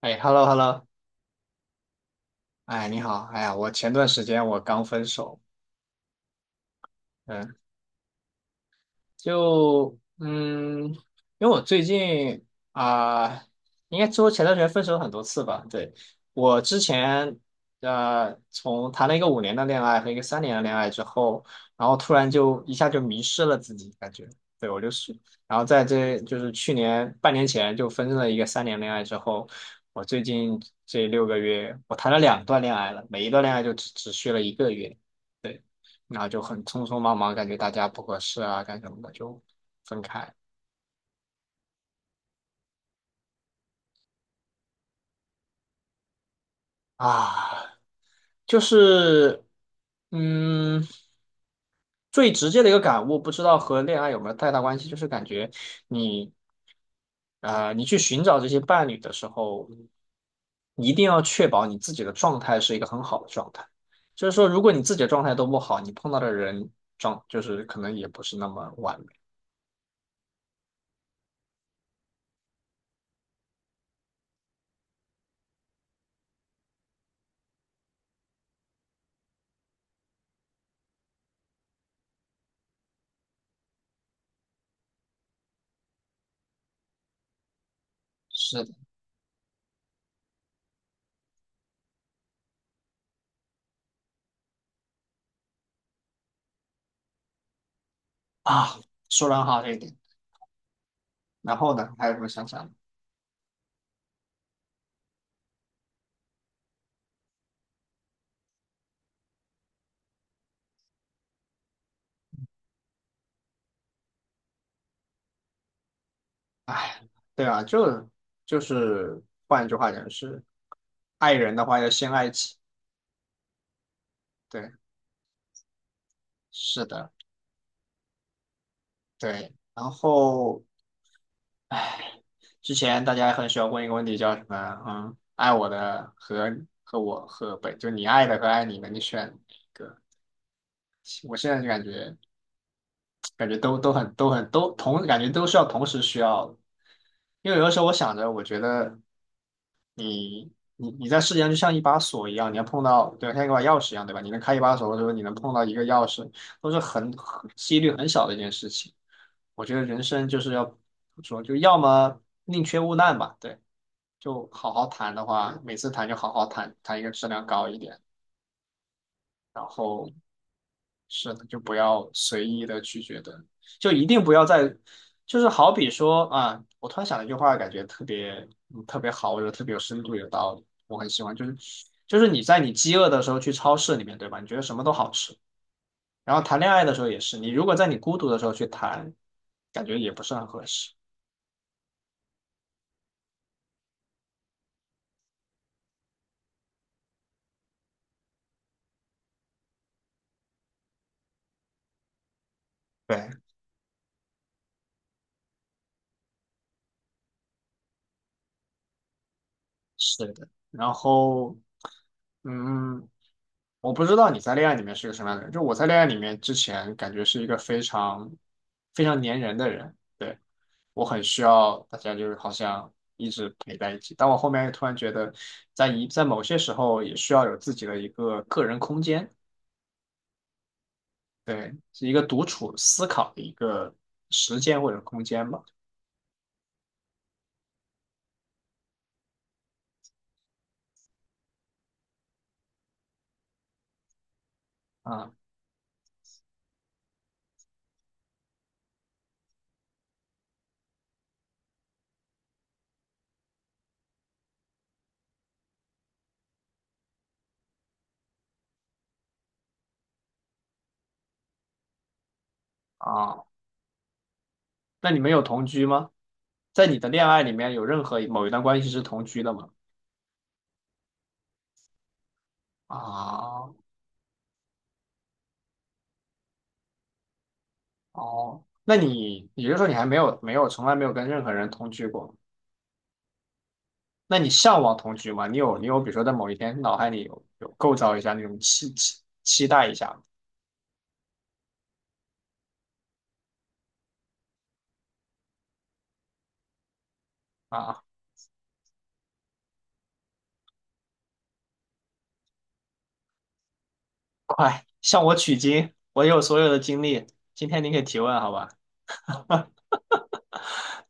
哎，hello hello，哎，你好，哎呀，我前段时间我刚分手。嗯，因为我最近啊、应该说前段时间分手很多次吧。对，我之前从谈了一个5年的恋爱和一个三年的恋爱之后，然后突然就一下就迷失了自己。感觉对我就是，然后在这就是去年半年前就分了一个三年恋爱之后，我最近这6个月我谈了两段恋爱了，每一段恋爱就只续了1个月。然后就很匆匆忙忙，感觉大家不合适啊，干什么的就分开啊。就是嗯，最直接的一个感悟，不知道和恋爱有没有太大关系，就是感觉你你去寻找这些伴侣的时候，一定要确保你自己的状态是一个很好的状态。就是说，如果你自己的状态都不好，你碰到的人就是可能也不是那么完美。是的啊，说得很好这一点。然后呢，还有什么想讲的。哎，对啊，就是换一句话讲是，爱人的话要先爱己。对，是的，对。然后，哎，之前大家很喜欢问一个问题，叫什么？嗯，爱我的和我和本，就你爱的和爱你的，你选。我现在就感觉感觉都同，感觉都是要同时需要的。因为有的时候我想着，我觉得。你在世界上就像一把锁一样，你能碰到，对，像一把钥匙一样，对吧？你能开一把锁，或者说你能碰到一个钥匙，都是几率很小的一件事情。我觉得人生就是要怎么说，就要么宁缺毋滥吧，对，就好好谈的话，每次谈就好好谈，谈一个质量高一点。是的，就不要随意的去觉得，就一定不要在，就是好比说啊，我突然想了一句话，感觉特别特别好，我觉得特别有深度，有道理，我很喜欢。就是你在你饥饿的时候去超市里面，对吧？你觉得什么都好吃，然后谈恋爱的时候也是，你如果在你孤独的时候去谈，感觉也不是很合适。对，是的。然后，嗯，我不知道你在恋爱里面是个什么样的人，就我在恋爱里面之前感觉是一个非常非常粘人的人，对，我很需要大家就是好像一直陪在一起，但我后面突然觉得在某些时候也需要有自己的一个个人空间，对，是一个独处思考的一个时间或者空间吧。啊啊，那你们有同居吗？在你的恋爱里面有任何某一段关系是同居的吗？啊，哦，那你也就是说你还没有没有从来没有跟任何人同居过？那你向往同居吗？你有比如说在某一天脑海里有构造一下那种期待一下吗？快向我取经，我有所有的经历，今天你可以提问好吧？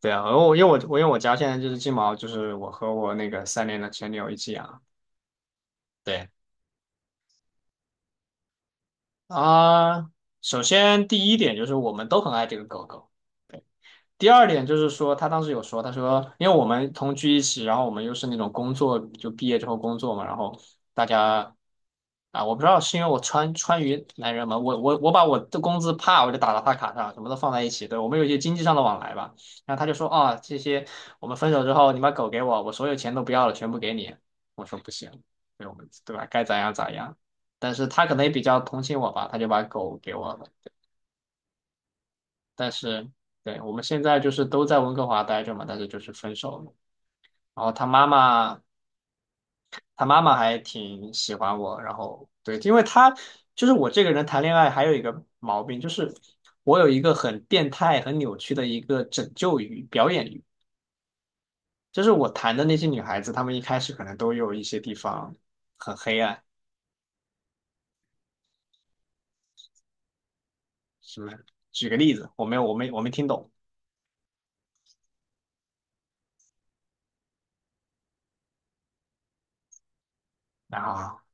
对啊，我因为我家现在就是金毛，就是我和我那个三年的前女友一起养。对啊，首先第一点就是我们都很爱这个狗狗。对。第二点就是说，他当时有说，他说，因为我们同居一起，然后我们又是那种工作，就毕业之后工作嘛，然后大家啊，我不知道是因为我川渝男人嘛，我把我的工资啪我就打到他卡上，什么都放在一起，对，我们有一些经济上的往来吧。然后他就说啊，这些我们分手之后，你把狗给我，我所有钱都不要了，全部给你。我说不行，对我们对吧？该咋样咋样。但是他可能也比较同情我吧，他就把狗给我了。但是对我们现在就是都在温哥华待着嘛，但是就是分手了。然后他妈妈，他妈妈还挺喜欢我，然后对，因为他就是我这个人谈恋爱还有一个毛病，就是我有一个很变态、很扭曲的一个拯救欲、表演欲，就是我谈的那些女孩子，她们一开始可能都有一些地方很黑暗。什么？举个例子，我没有，我没听懂啊。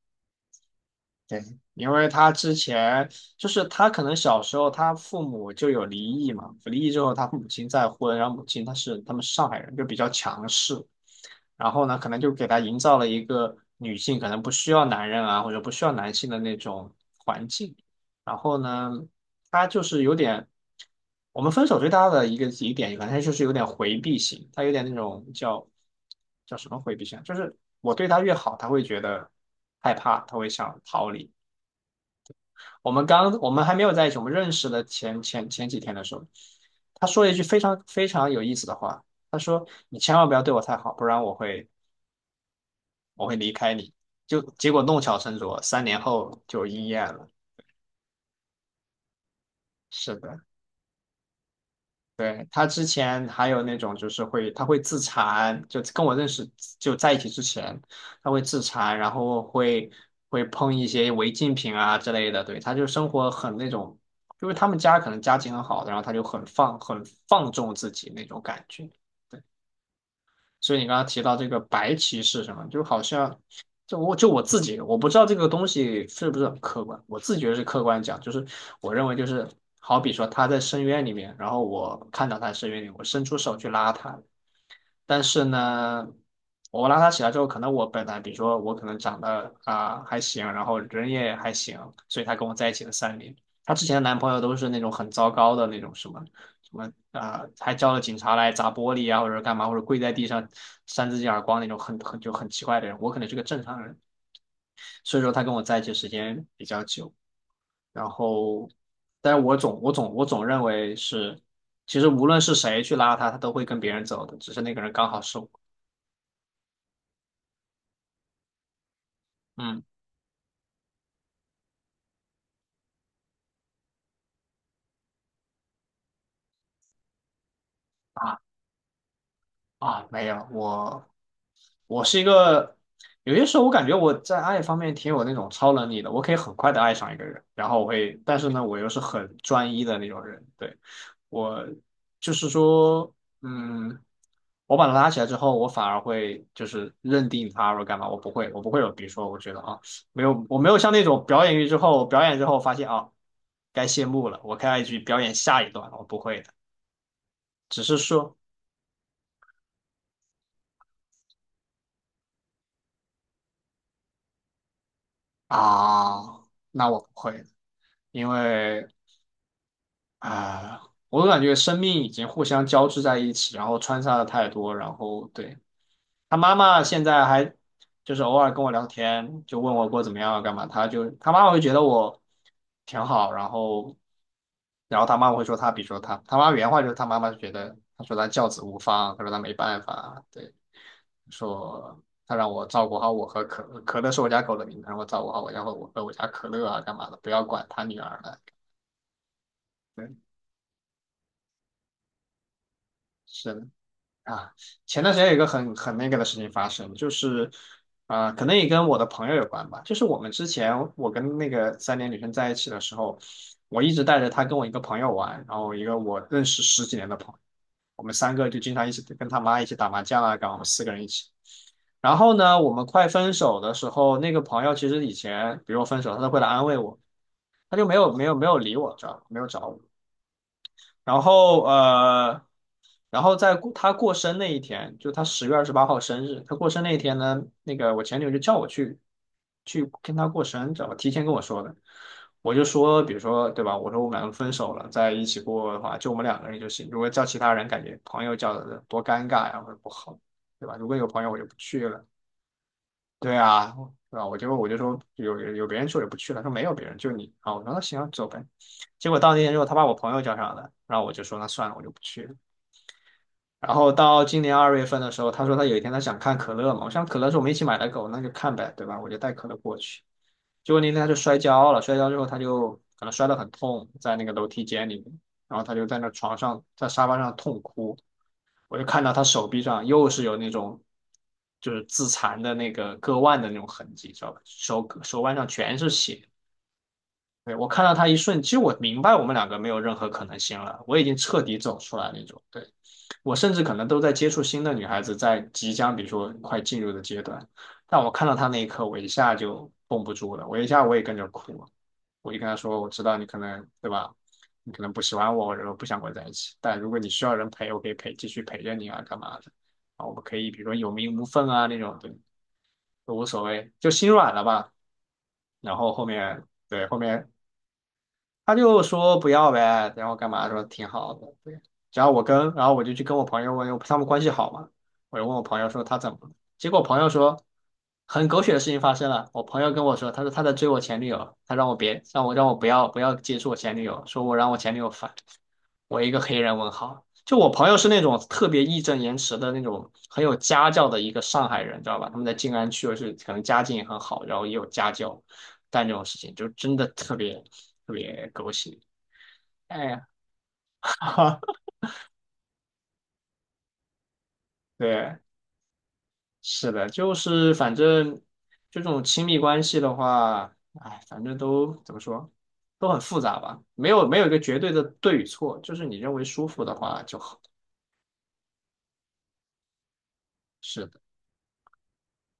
对，因为他之前就是他可能小时候他父母就有离异嘛，离异之后他母亲再婚，然后母亲她是他们是上海人，就比较强势，然后呢可能就给他营造了一个女性可能不需要男人啊或者不需要男性的那种环境，然后呢他就是有点。我们分手最大的一个疑点，反正就是有点回避型，他有点那种叫叫什么回避型啊，就是我对他越好，他会觉得害怕，他会想逃离。我们刚我们还没有在一起，我们认识的前几天的时候，他说了一句非常非常有意思的话，他说："你千万不要对我太好，不然我会离开你。"就结果弄巧成拙，3年后就应验了。是的。对，他之前还有那种就是会，他会自残，就跟我认识就在一起之前，他会自残，然后会碰一些违禁品啊之类的。对，他就生活很那种，因为他们家可能家境很好的，然后他就很放纵自己那种感觉。对。所以你刚刚提到这个白棋是什么，就好像就我自己，我不知道这个东西是不是很客观，我自己觉得是客观讲，就是我认为就是好比说他在深渊里面，然后我看到他深渊里，我伸出手去拉他，但是呢，我拉他起来之后，可能我本来比如说我可能长得啊、还行，然后人也还行，所以她跟我在一起了三年。她之前的男朋友都是那种很糟糕的那种什么什么啊、还叫了警察来砸玻璃啊，或者干嘛，或者跪在地上扇自己耳光那种很奇怪的人。我可能是个正常人，所以说她跟我在一起时间比较久。然后，但是我总认为是，其实无论是谁去拉她，她都会跟别人走的，只是那个人刚好是我。嗯。啊没有，我是一个，有些时候我感觉我在爱方面挺有那种超能力的，我可以很快的爱上一个人，然后我会，但是呢，我又是很专一的那种人，对，我就是说，嗯，我把他拉起来之后，我反而会就是认定他或者干嘛，我不会，我不会有，比如说，我觉得啊，没有，我没有像那种表演欲之后，表演之后发现啊，该谢幕了，我开该去表演下一段了我不会的，只是说。啊，那我不会的。因为啊、我感觉生命已经互相交织在一起，然后穿插的太多，然后对。他妈妈现在还就是偶尔跟我聊天，就问我过怎么样啊干嘛。他妈妈会觉得我挺好。然后他妈妈会说他，他妈原话就是他妈妈就觉得，他说他教子无方，他说他没办法，对。说他让我照顾好我和可乐，可乐是我家狗的名字，让我照顾好我和我家可乐啊，干嘛的，不要管他女儿了。对，是的啊。前段时间有一个很那个的事情发生，就是可能也跟我的朋友有关吧。就是我们之前我跟那个3年女生在一起的时候，我一直带着她跟我一个朋友玩，然后一个我认识十几年的朋友。我们3个就经常一起跟他妈一起打麻将啊，干嘛？我们4个人一起。然后呢，我们快分手的时候，那个朋友其实以前，比如我分手，他都会来安慰我，他就没有理我，知道吧？没有找我。然后然后在过他过生那一天，就他10月28号生日，他过生那一天呢，那个我前女友就叫我去跟他过生，知道吧？提前跟我说的。我就说，比如说对吧？我说我们两个分手了，在一起过的话，就我们两个人就行。如果叫其他人，感觉朋友叫的多尴尬呀，或者不好，对吧？如果有朋友，我就不去了。对啊，对吧？我就说有别人去我就不去了，说没有别人，就你啊。我说那行啊走呗。结果到那天之后，他把我朋友叫上了，然后我就说那算了，我就不去了。然后到今年2月份的时候，他说他有一天他想看可乐嘛，我想可乐是我们一起买的狗，那就看呗，对吧？我就带可乐过去。结果那天他就摔跤了，摔跤之后他就可能摔得很痛，在那个楼梯间里面，然后他就在那床上在沙发上痛哭。我就看到他手臂上又是有那种就是自残的那个割腕的那种痕迹，知道吧？手腕上全是血，对，我看到他一瞬，其实我明白我们两个没有任何可能性了，我已经彻底走出来那种。对，我甚至可能都在接触新的女孩子，在即将比如说快进入的阶段，但我看到他那一刻，我一下就绷不住了，我一下我也跟着哭了，我就跟他说，我知道你可能对吧，你可能不喜欢我，然后不想跟我在一起，但如果你需要人陪，我可以陪，继续陪着你啊，干嘛的？啊，我们可以比如说有名无分啊那种，对，都无所谓，就心软了吧。然后后面，对，后面他就说不要呗，然后干嘛说挺好的，对。然后我跟，然后我就去跟我朋友问，因为他们关系好嘛，我就问我朋友说他怎么了，结果我朋友说很狗血的事情发生了，我朋友跟我说，他说他在追我前女友，他让我别让我让我不要接触我前女友，说我让我前女友烦。我一个黑人问号，就我朋友是那种特别义正言辞的那种很有家教的一个上海人，知道吧？他们在静安区，就是可能家境也很好，然后也有家教，但这种事情就真的特别特别狗血。哎，哈，对，是的，就是反正这种亲密关系的话，哎，反正都怎么说，都很复杂吧，没有一个绝对的对与错，就是你认为舒服的话就好。是的，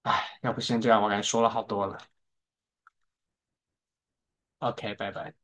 哎，要不先这样，我感觉说了好多了。OK，拜拜。